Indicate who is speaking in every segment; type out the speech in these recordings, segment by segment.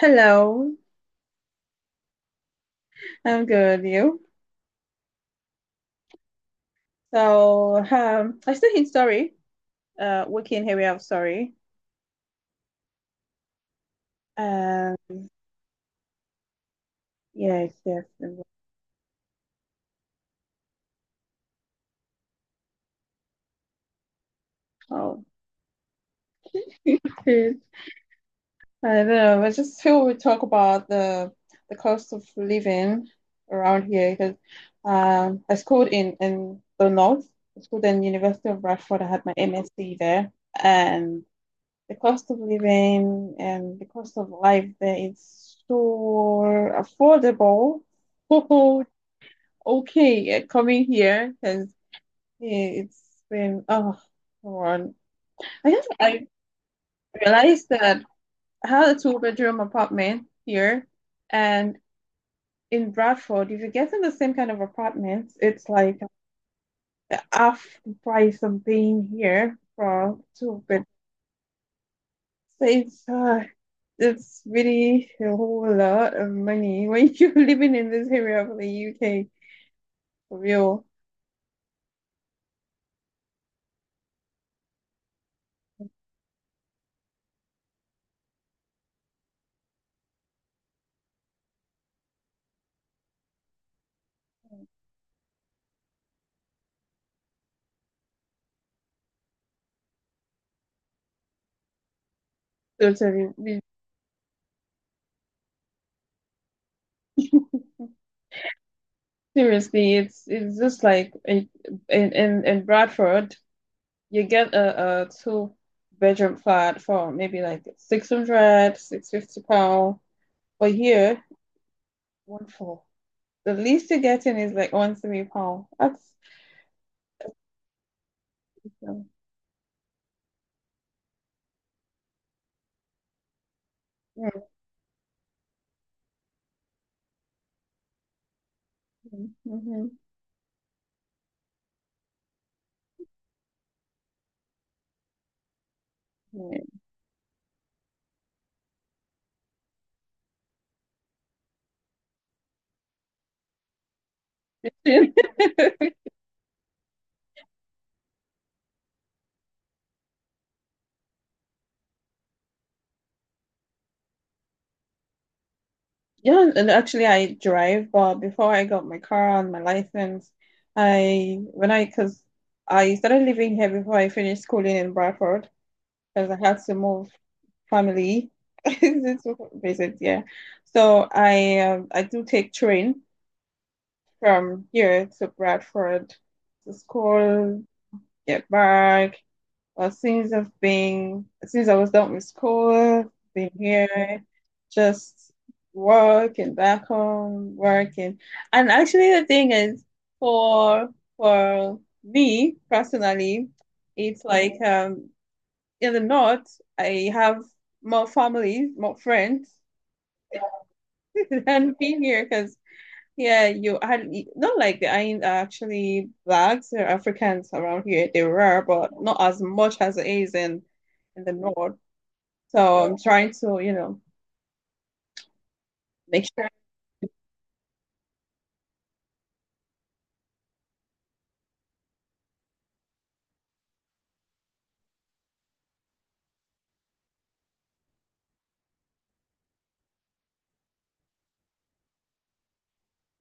Speaker 1: Hello, I'm good. You? So, I still in Surrey, working area of Surrey. Um, yes, yes. Oh, I don't know. I just feel we talk about the cost of living around here because I schooled in the north. I schooled in University of Bradford. I had my MSc there, and. The cost of living and the cost of life there is so affordable. So okay, coming here because it's been oh, come on. I guess I realized that I had a two-bedroom apartment here, and in Bradford, if you get in the same kind of apartments, it's like half the price I'm paying here for two bedroom. It's uh, it's really a whole lot of money when you're living in this area of the UK for real. Totally, seriously, it's just like in Bradford, you get a two-bedroom flat for maybe like six hundred six fifty pound. But here, one for the least you're getting is like one three pound. That's mm-hmm. Yeah, and actually I drive, but before I got my car and my license, I when I because I started living here before I finished schooling in Bradford because I had to move family to visit, yeah. So I do take train from here to Bradford to school, get back, well, since I was done with school, been here, just work and back home, work and actually the thing is for for me personally, it's like in the north I have more family, more friends than being here because yeah, you are not like there ain't actually blacks they're Africans around here. They are, but not as much as it is in the north. So I'm trying to, make sure.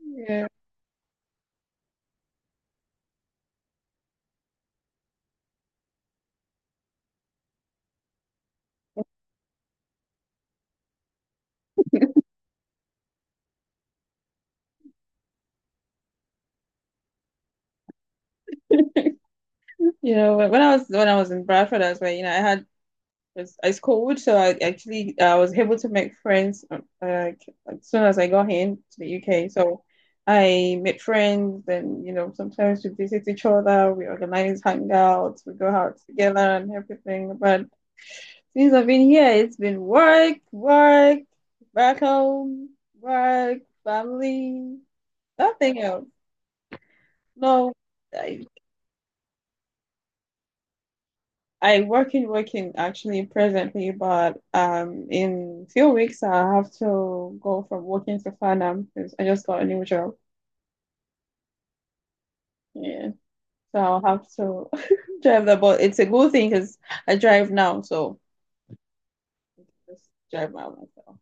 Speaker 1: Yeah, when I was in Bradford, I was like, I had was I schooled, so I actually I was able to make friends like, as soon as I got here to the UK. So I made friends, and sometimes we visit each other. We organize hangouts, we go out together, and everything. But since I've been here, it's been work, work, back home, work, family, nothing else. No, I, I work in working actually presently, but in few weeks I have to go from working to Farnham because I just got a new job. Yeah, so I'll have to drive the bus. It's a good thing because I drive now, so just drive by myself.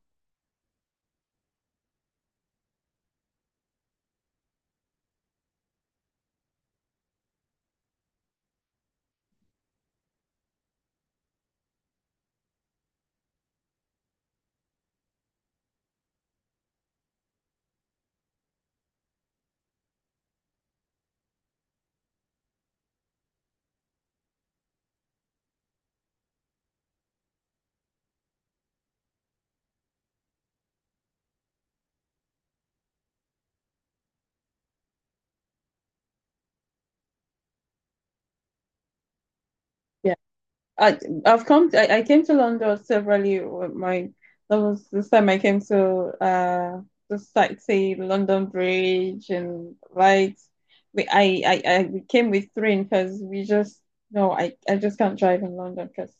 Speaker 1: I I've come to, I came to London several years. My That was this time I came to just like say London Bridge and lights. We I we came with three because we just no I I just can't drive in London because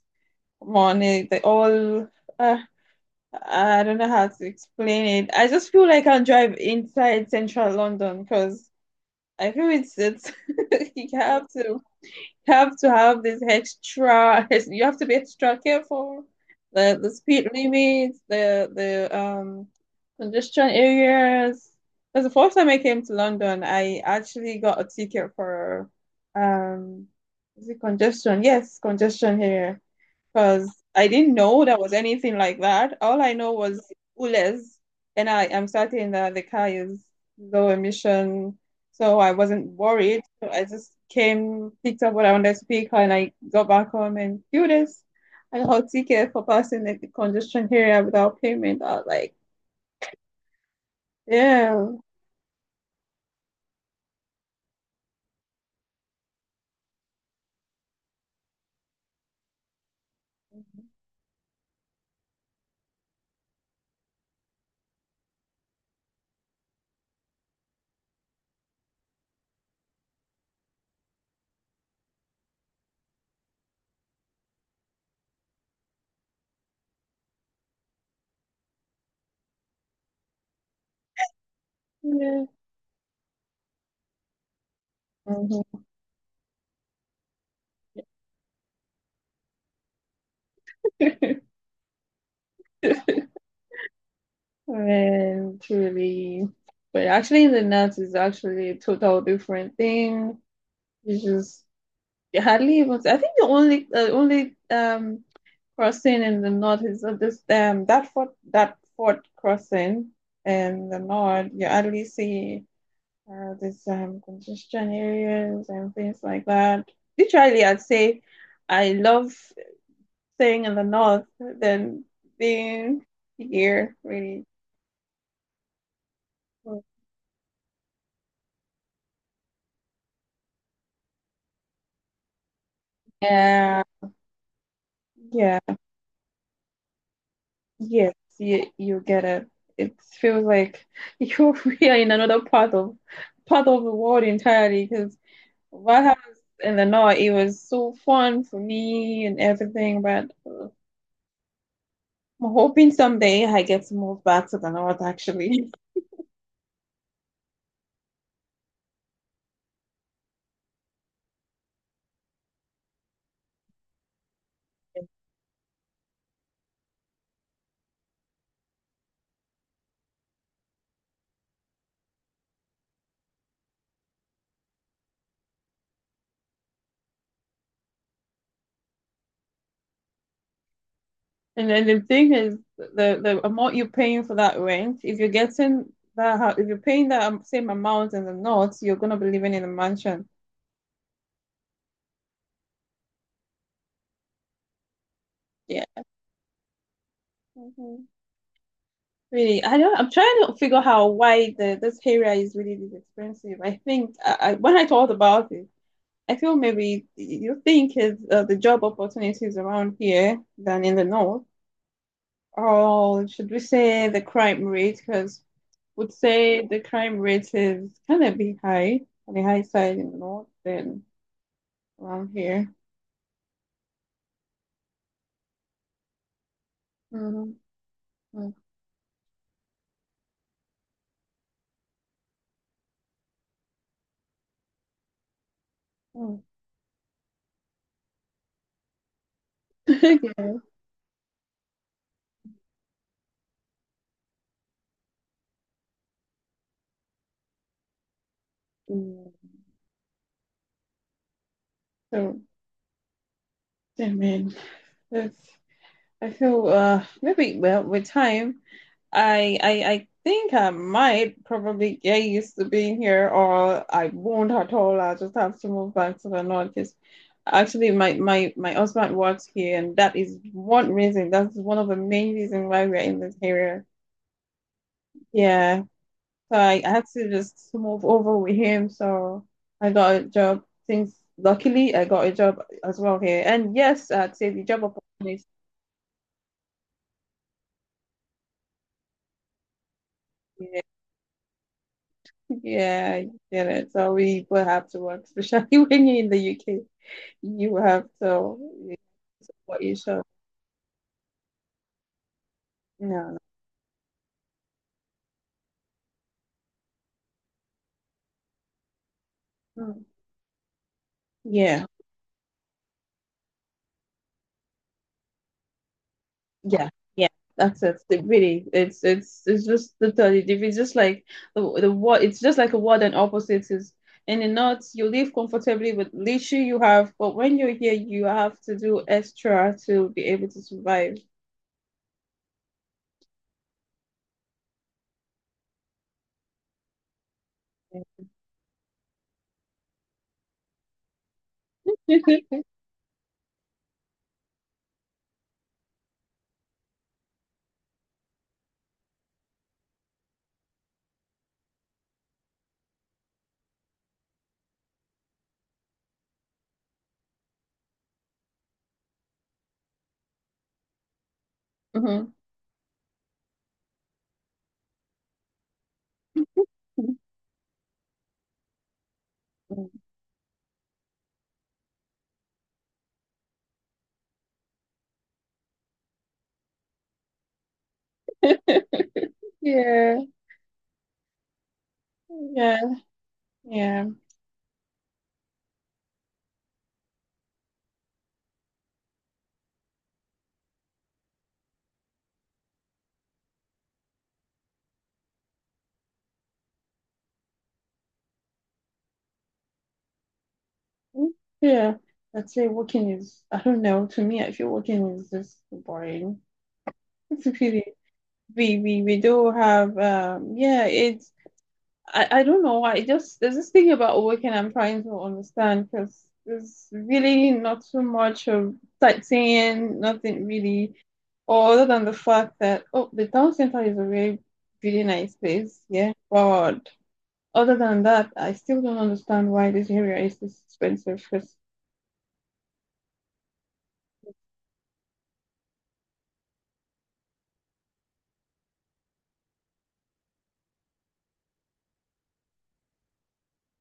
Speaker 1: come on eh, they all uh, I don't know how to explain it. I just feel like I can't drive inside central London because I feel it's you have to have this extra you have to be extra careful the speed limits the congestion areas because the first time I came to London I actually got a ticket for um is it congestion yes congestion here because I didn't know there was anything like that. All I know was ULEZ, and I am certain that the car is low emission, so I wasn't worried. So I just came, picked up what I wanted to pick, and I got back home and do this. I got ticket for passing the congestion area without payment. I was like, yeah, yeah. Mm-hmm. And truly, but actually, in the nuts is actually a total different thing. It's just hardly able to. I think the only crossing in the north is this that fort crossing in the north. You hardly see this congestion areas and things like that. Literally, I'd say I love staying in the north than being here. Really, yeah, yeah. Yes, you get it. It feels like you're really in another part of the world entirely because what happens in the north, it was so fun for me and everything, but I'm hoping someday I get to move back to the north actually. And then the thing is the amount you're paying for that rent, if you're getting if you're paying that same amount in the north, you're gonna be living in a mansion. Yeah. Really, I don't. I'm trying to figure out why the this area is really this expensive. I think when I thought about it, I feel maybe you think is the job opportunities around here than in the north, or should we say the crime rate? Because would say the crime rate is kind of be high on the high side in the north than around here. Mhm. Mm, mm. Yeah. Mm. So, yeah, man, that's. I feel maybe well with time I think I might probably get used to being here, or I won't at all. I'll just have to move back to the north because actually my husband works here, and that is one reason. That's one of the main reasons why we're in this area. Yeah, so I had to just move over with him. So I got a job. Things Luckily I got a job as well here, and yes, I'd say the job opportunity. Yeah, yeah, I get it. So we will have to work, especially when you're in the UK. You have to what you show. No, no. Yeah, yeah, yeah. That's it. It really, it's just totally different. It's just like the what. It's just like a word and opposites is. In the north, you live comfortably with leisure you have, but when you're here, you have to do extra to be able to survive. Mhm. Yeah, yeah, yeah. Yeah, I'd say working is, I don't know, to me, I feel working is just boring. It's really We do have yeah, it's I don't know why. It just there's this thing about working I'm trying to understand because there's really not so much of sightseeing, nothing really, or other than the fact that oh the town center is a really really nice place, yeah. But other than that, I still don't understand why this area is this expensive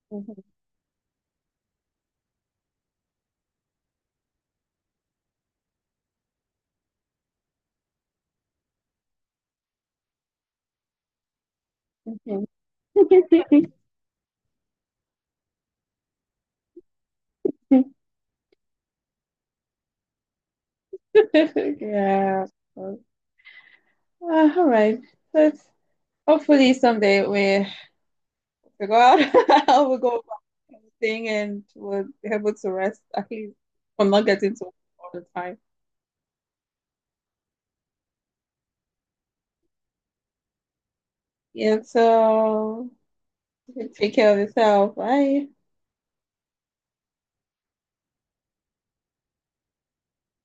Speaker 1: because yeah. Uh, all right. But hopefully someday we go out, we go back and thing, and we'll be able to rest at least from not getting to work all the time. Yeah. So take care of yourself. Bye.